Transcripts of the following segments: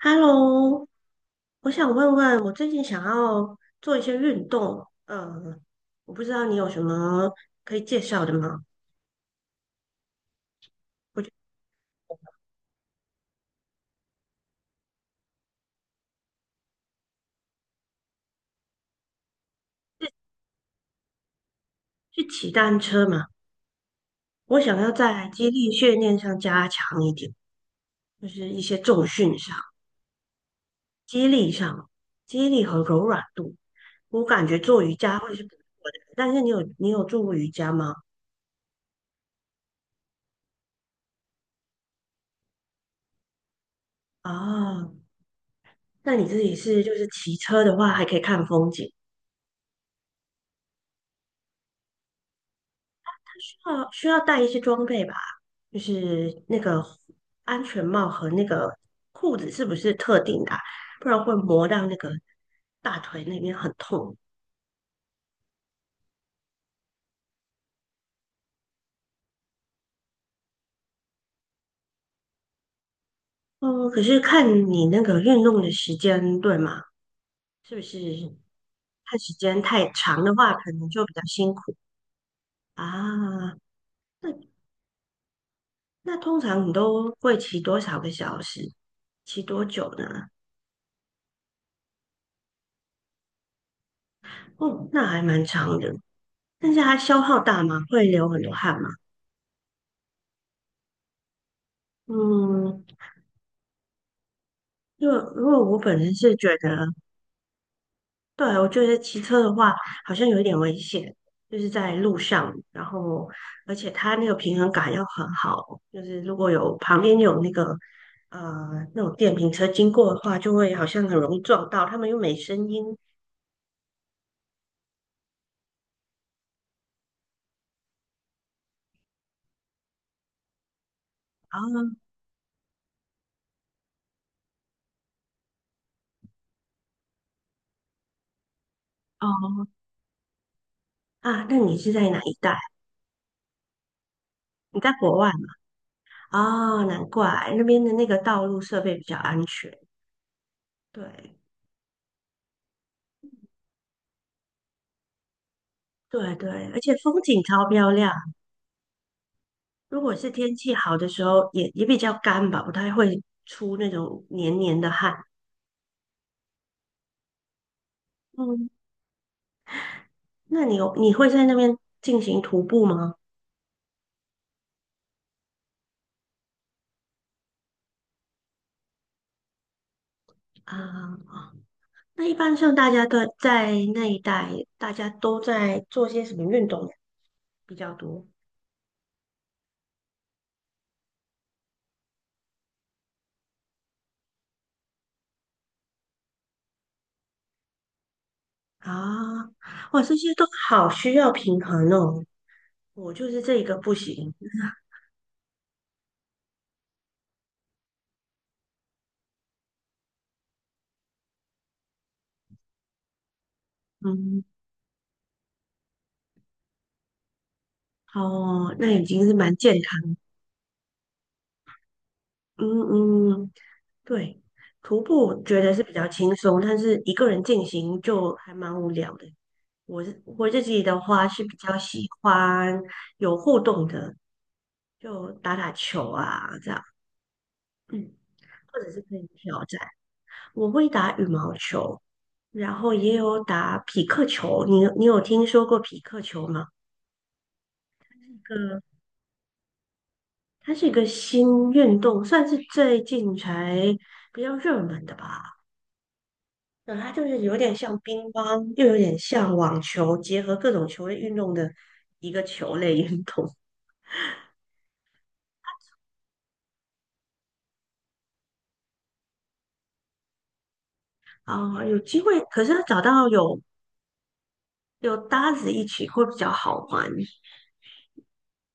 Hello，我想问问，我最近想要做一些运动，我不知道你有什么可以介绍的吗？我就是去骑单车嘛，我想要在肌力训练上加强一点，就是一些重训上、肌力上、肌力和柔软度。我感觉做瑜伽会是不错的，但是你有做过瑜伽吗？啊，那你自己是就是骑车的话，还可以看风景。哦，需要带一些装备吧，就是那个安全帽和那个裤子是不是特定的啊，不然会磨到那个大腿那边很痛。嗯，可是看你那个运动的时间对吗？是不是看时间太长的话，可能就比较辛苦。啊？那那通常你都会骑多少个小时？骑多久呢？哦，那还蛮长的，但是它消耗大吗？会流很多汗吗？嗯。因为我本人是觉得，对，我就是骑车的话好像有一点危险，就是在路上，然后而且它那个平衡感要很好，就是如果有旁边有那个呃那种电瓶车经过的话，就会好像很容易撞到，他们又没声音。然后哦，啊，那你是在哪一带？你在国外吗？哦，难怪那边的那个道路设备比较安全。对对对，而且风景超漂亮。如果是天气好的时候，也比较干吧，不太会出那种黏黏的汗。嗯，那你会在那边进行徒步吗？啊、那一般像大家都在那一带，大家都在做些什么运动比较多啊？哇，这些都好需要平衡哦。我就是这一个不行。嗯，哦，那已经是蛮健康的。嗯，嗯，对，徒步觉得是比较轻松，但是一个人进行就还蛮无聊的。我自己的话是比较喜欢有互动的，就打打球啊这样，嗯，或者是可以挑战。我会打羽毛球，然后也有打匹克球。你有听说过匹克球吗？这个它是一个新运动，算是最近才比较热门的吧。对，它就是有点像乒乓，又有点像网球，结合各种球类运动的一个球类运动。啊、有机会，可是要找到有有搭子一起会比较好玩。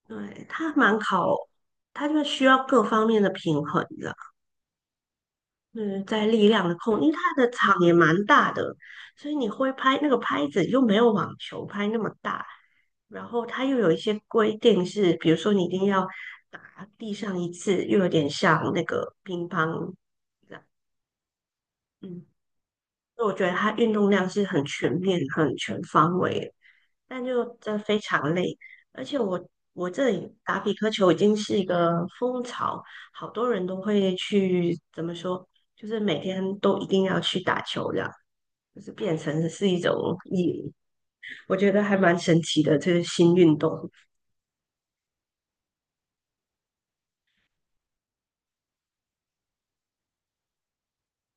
对，它蛮考，它就需要各方面的平衡，嗯，在力量的控，因为它的场也蛮大的，所以你挥拍那个拍子又没有网球拍那么大，然后它又有一些规定是，比如说你一定要打地上一次，又有点像那个乒乓这样，嗯，所以我觉得它运动量是很全面、很全方位的。但就真的非常累，而且我这里打匹克球已经是一个风潮，好多人都会去，怎么说，就是每天都一定要去打球这样，就是变成是一种瘾，我觉得还蛮神奇的，这个新运动。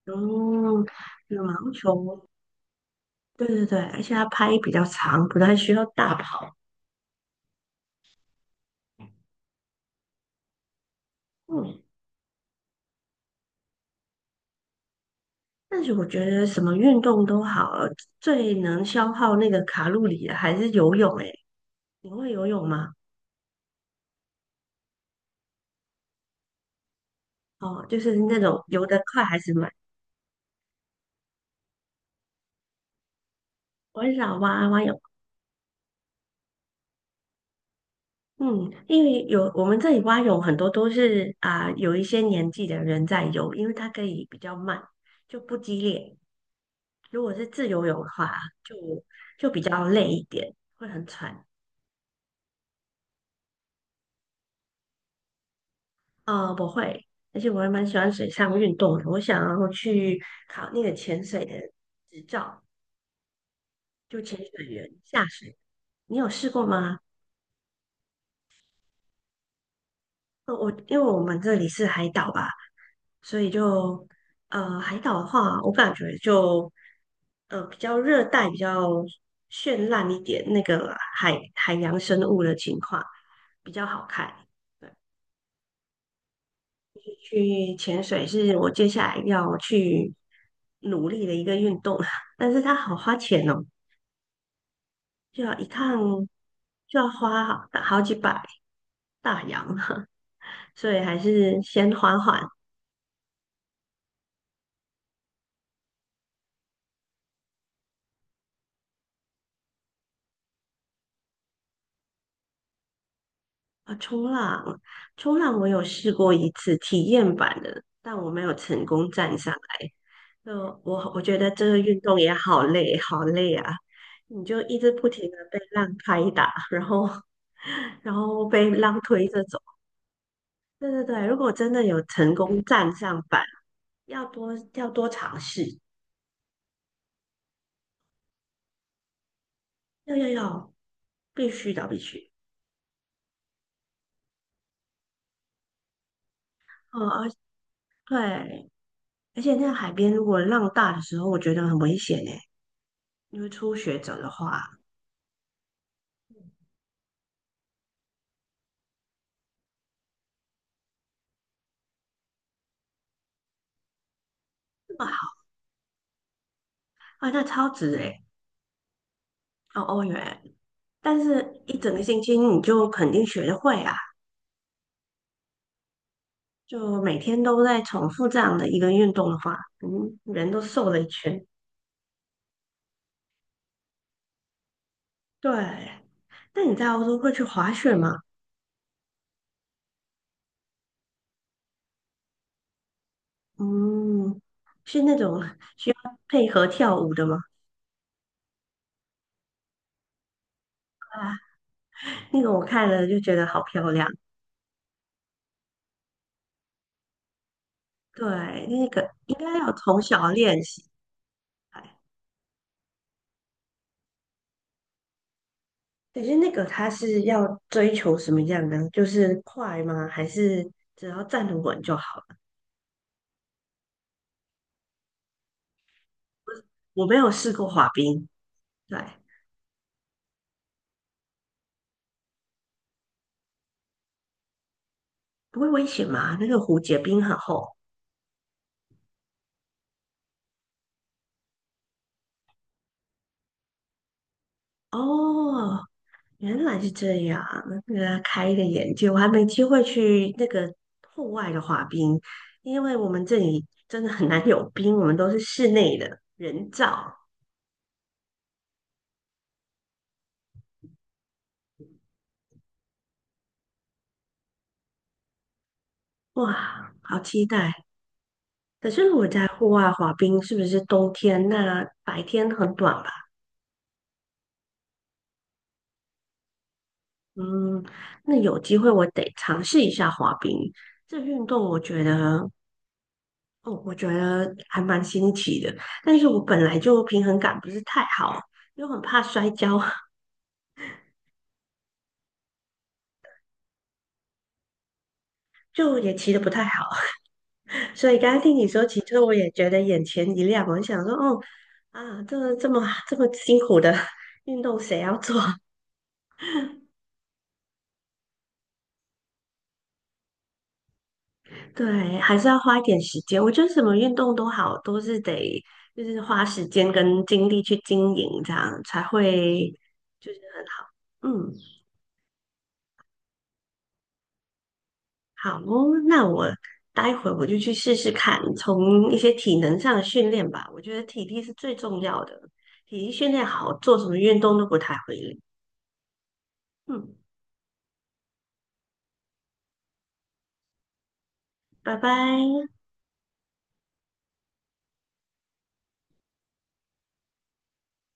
嗯，羽毛球，对对对，而且它拍比较长，不太需要大跑。嗯，但是我觉得什么运动都好，最能消耗那个卡路里的还是游泳。诶，你会游泳吗？哦，就是那种游得快还是慢？我很少蛙泳，嗯，因为有我们这里蛙泳很多都是啊、有一些年纪的人在游，因为它可以比较慢，就不激烈。如果是自由泳的话，就就比较累一点，会很喘。啊，不会，而且我还蛮喜欢水上运动的，我想要去考那个潜水的执照，就潜水员下水。你有试过吗？我因为我们这里是海岛吧。所以就海岛的话，我感觉就比较热带，比较绚烂一点，那个海洋生物的情况比较好看。对，去潜水是我接下来要去努力的一个运动，但是它好花钱哦，就要一趟就要花好好几百大洋，所以还是先缓缓，啊，冲浪，冲浪我有试过一次体验版的，但我没有成功站上来。就我觉得这个运动也好累，好累啊！你就一直不停的被浪拍打，然后 然后被浪推着走。对对对，如果真的有成功站上板，要多尝试，要要要，必须的必须。哦，而对，而且那个海边如果浪大的时候，我觉得很危险诶，因为初学者的话。啊，那超值诶，哦，欧元，但是一整个星期你就肯定学得会啊，就每天都在重复这样的一个运动的话，嗯，人都瘦了一圈。对，那你在欧洲会去滑雪吗？嗯，是那种需要配合跳舞的吗？啊，那个我看了就觉得好漂亮。对，那个应该要从小练习。哎，可是那个它是要追求什么样呢？就是快吗？还是只要站得稳就好？我没有试过滑冰，对，不会危险吗？那个湖结冰很厚。哦，原来是这样，那个开一个眼界，我还没机会去那个户外的滑冰，因为我们这里真的很难有冰，我们都是室内的人造。哇，好期待！可是如果在户外滑冰，是不是冬天？那白天很短吧？嗯，那有机会我得尝试一下滑冰。这运动我觉得哦，我觉得还蛮新奇的，但是我本来就平衡感不是太好，又很怕摔跤，就也骑得不太好，所以刚刚听你说骑车，我也觉得眼前一亮，我想说，哦，啊，这么这么辛苦的 运动谁要做？对，还是要花一点时间。我觉得什么运动都好，都是得就是花时间跟精力去经营，这样才会，嗯。好哦，那待会我就去试试看，从一些体能上的训练吧。我觉得体力是最重要的，体力训练好，做什么运动都不太会累。嗯，拜拜。